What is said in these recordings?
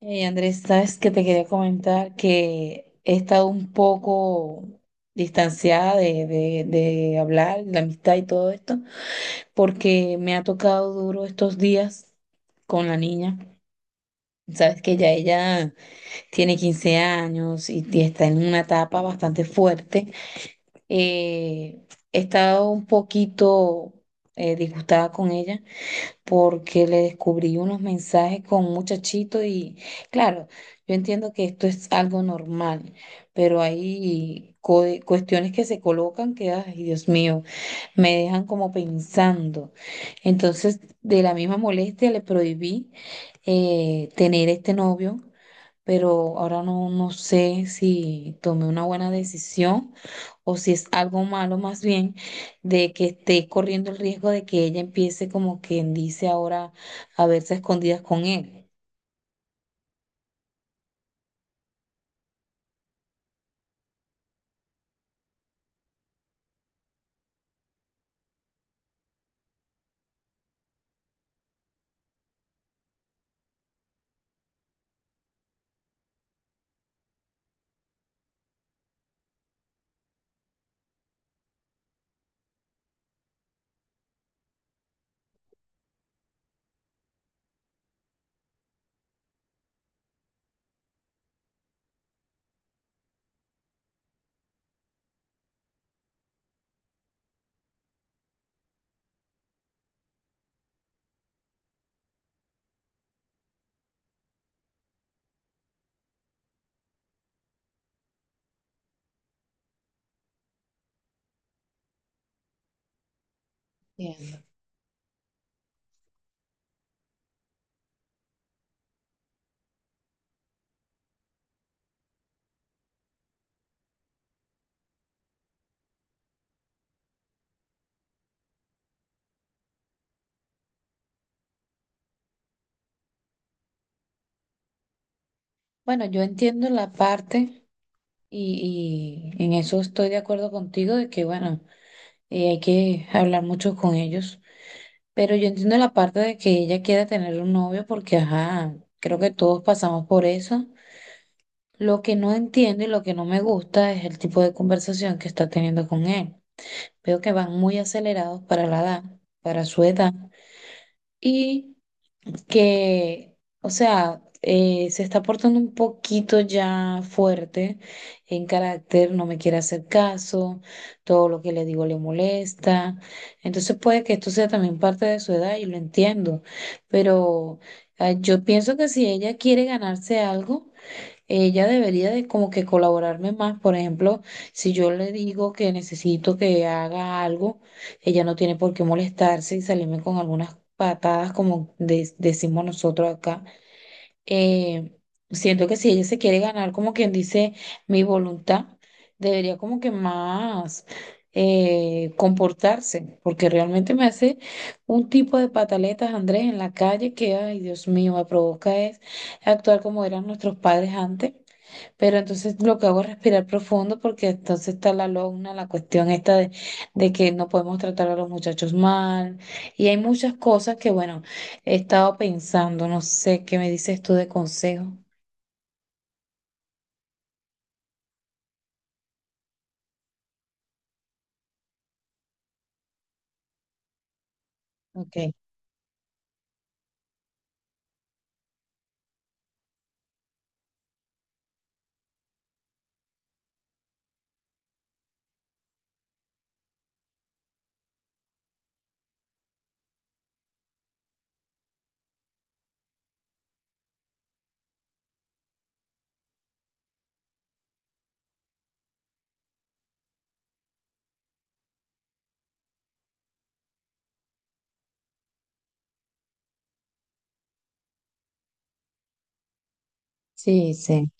Hey Andrés, sabes que te quería comentar que he estado un poco distanciada de hablar, la amistad y todo esto, porque me ha tocado duro estos días con la niña. Sabes que ya ella tiene 15 años y está en una etapa bastante fuerte. Eh, He estado un poquito disgustada con ella porque le descubrí unos mensajes con un muchachito y claro, yo entiendo que esto es algo normal, pero hay cuestiones que se colocan que, ay, Dios mío, me dejan como pensando. Entonces, de la misma molestia le prohibí tener este novio, pero ahora no sé si tomé una buena decisión o si es algo malo más bien, de que esté corriendo el riesgo de que ella empiece como quien dice ahora a verse a escondidas con él. Entiendo. Bueno, yo entiendo la parte y en eso estoy de acuerdo contigo de que, bueno, hay que hablar mucho con ellos, pero yo entiendo la parte de que ella quiera tener un novio porque, ajá, creo que todos pasamos por eso. Lo que no entiendo y lo que no me gusta es el tipo de conversación que está teniendo con él. Veo que van muy acelerados para la edad, para su edad, y que, o sea, se está portando un poquito ya fuerte en carácter, no me quiere hacer caso, todo lo que le digo le molesta. Entonces puede que esto sea también parte de su edad y lo entiendo, pero yo pienso que si ella quiere ganarse algo, ella debería de como que colaborarme más. Por ejemplo, si yo le digo que necesito que haga algo, ella no tiene por qué molestarse y salirme con algunas patadas como decimos nosotros acá. Eh, Siento que si ella se quiere ganar, como quien dice, mi voluntad, debería como que más comportarse, porque realmente me hace un tipo de pataletas, Andrés, en la calle que, ay, Dios mío, me provoca es actuar como eran nuestros padres antes. Pero entonces lo que hago es respirar profundo porque entonces está la lona, la cuestión esta de que no podemos tratar a los muchachos mal. Y hay muchas cosas que, bueno, he estado pensando, no sé, ¿qué me dices tú de consejo? Ok, sí, sí,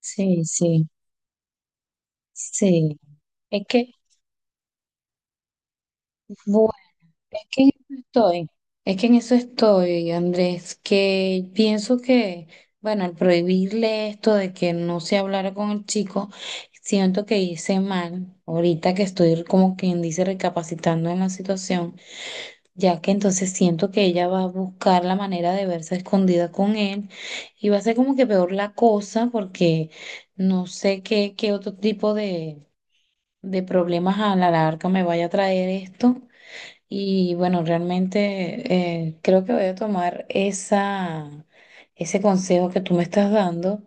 sí, sí, sí. Es que, bu- es que en eso estoy, es que en eso estoy, Andrés, que pienso que, bueno, al prohibirle esto de que no se hablara con el chico, siento que hice mal, ahorita que estoy como quien dice recapacitando en la situación, ya que entonces siento que ella va a buscar la manera de verse escondida con él y va a ser como que peor la cosa, porque no sé qué, qué otro tipo de problemas a la larga me vaya a traer esto. Y bueno, realmente creo que voy a tomar ese consejo que tú me estás dando,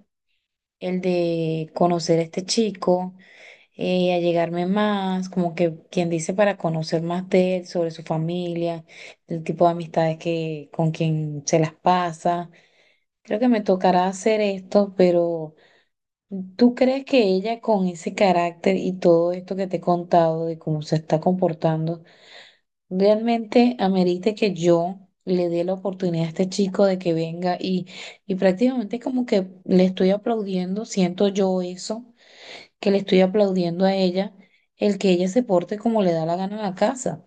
el de conocer a este chico, allegarme más, como que quien dice, para conocer más de él, sobre su familia, el tipo de amistades que, con quien se las pasa. Creo que me tocará hacer esto, pero ¿tú crees que ella con ese carácter y todo esto que te he contado de cómo se está comportando realmente amerite que yo le dé la oportunidad a este chico de que venga y prácticamente como que le estoy aplaudiendo, siento yo eso, que le estoy aplaudiendo a ella, el que ella se porte como le da la gana a la casa?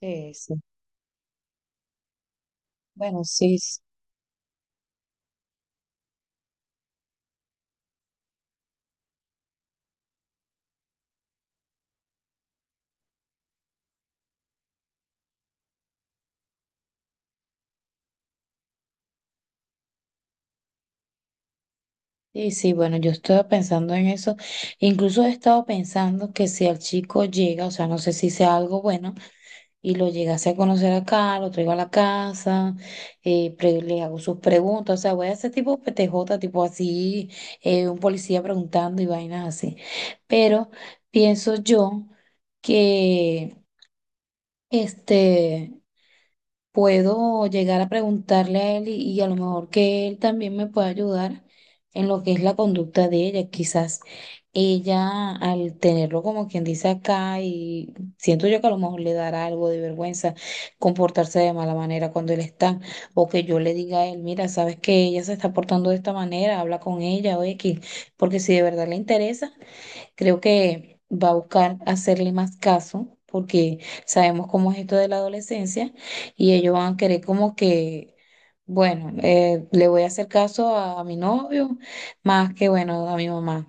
Sí, sí. Bueno, sí, sí, sí, bueno, yo estaba pensando en eso. Incluso he estado pensando que si el chico llega, o sea, no sé si sea algo bueno, y lo llegase a conocer acá, lo traigo a la casa, le hago sus preguntas, o sea, voy a hacer tipo PTJ, tipo así, un policía preguntando y vainas así. Pero pienso yo que este puedo llegar a preguntarle a él y a lo mejor que él también me pueda ayudar en lo que es la conducta de ella. Quizás ella, al tenerlo como quien dice acá, y siento yo que a lo mejor le dará algo de vergüenza comportarse de mala manera cuando él está, o que yo le diga a él, mira, sabes que ella se está portando de esta manera, habla con ella o X, porque si de verdad le interesa, creo que va a buscar hacerle más caso, porque sabemos cómo es esto de la adolescencia y ellos van a querer como que, bueno, le voy a hacer caso a mi novio más que, bueno, a mi mamá.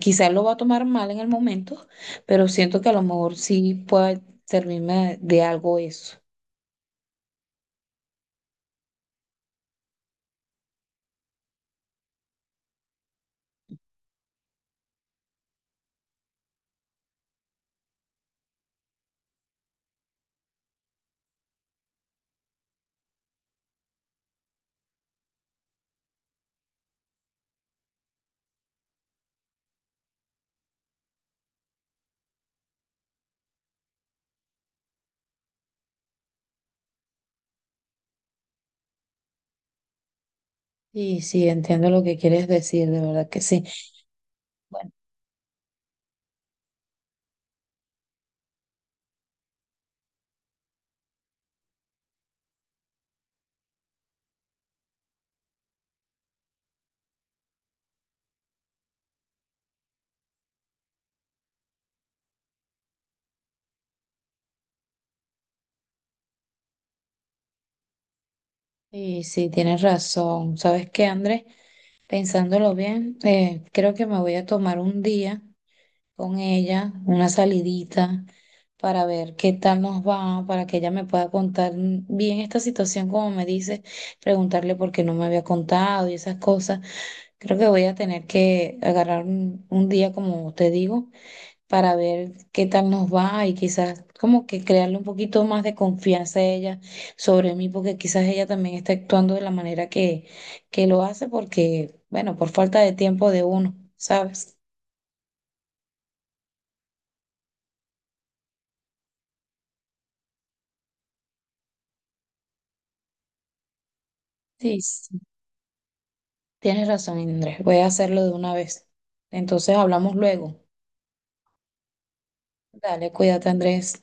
Quizás lo va a tomar mal en el momento, pero siento que a lo mejor sí puede servirme de algo eso. Y sí, entiendo lo que quieres decir, de verdad que sí. Bueno, y sí, tienes razón. ¿Sabes qué, Andrés? Pensándolo bien, creo que me voy a tomar un día con ella, una salidita, para ver qué tal nos va, para que ella me pueda contar, mm, bien esta situación, como me dice, preguntarle por qué no me había contado y esas cosas. Creo que voy a tener que agarrar un día, como te digo, para ver qué tal nos va y quizás como que crearle un poquito más de confianza a ella sobre mí, porque quizás ella también está actuando de la manera que lo hace, porque, bueno, por falta de tiempo de uno, ¿sabes? Sí, sí. Tienes razón, Andrés, voy a hacerlo de una vez. Entonces hablamos luego. Dale, cuídate, Andrés.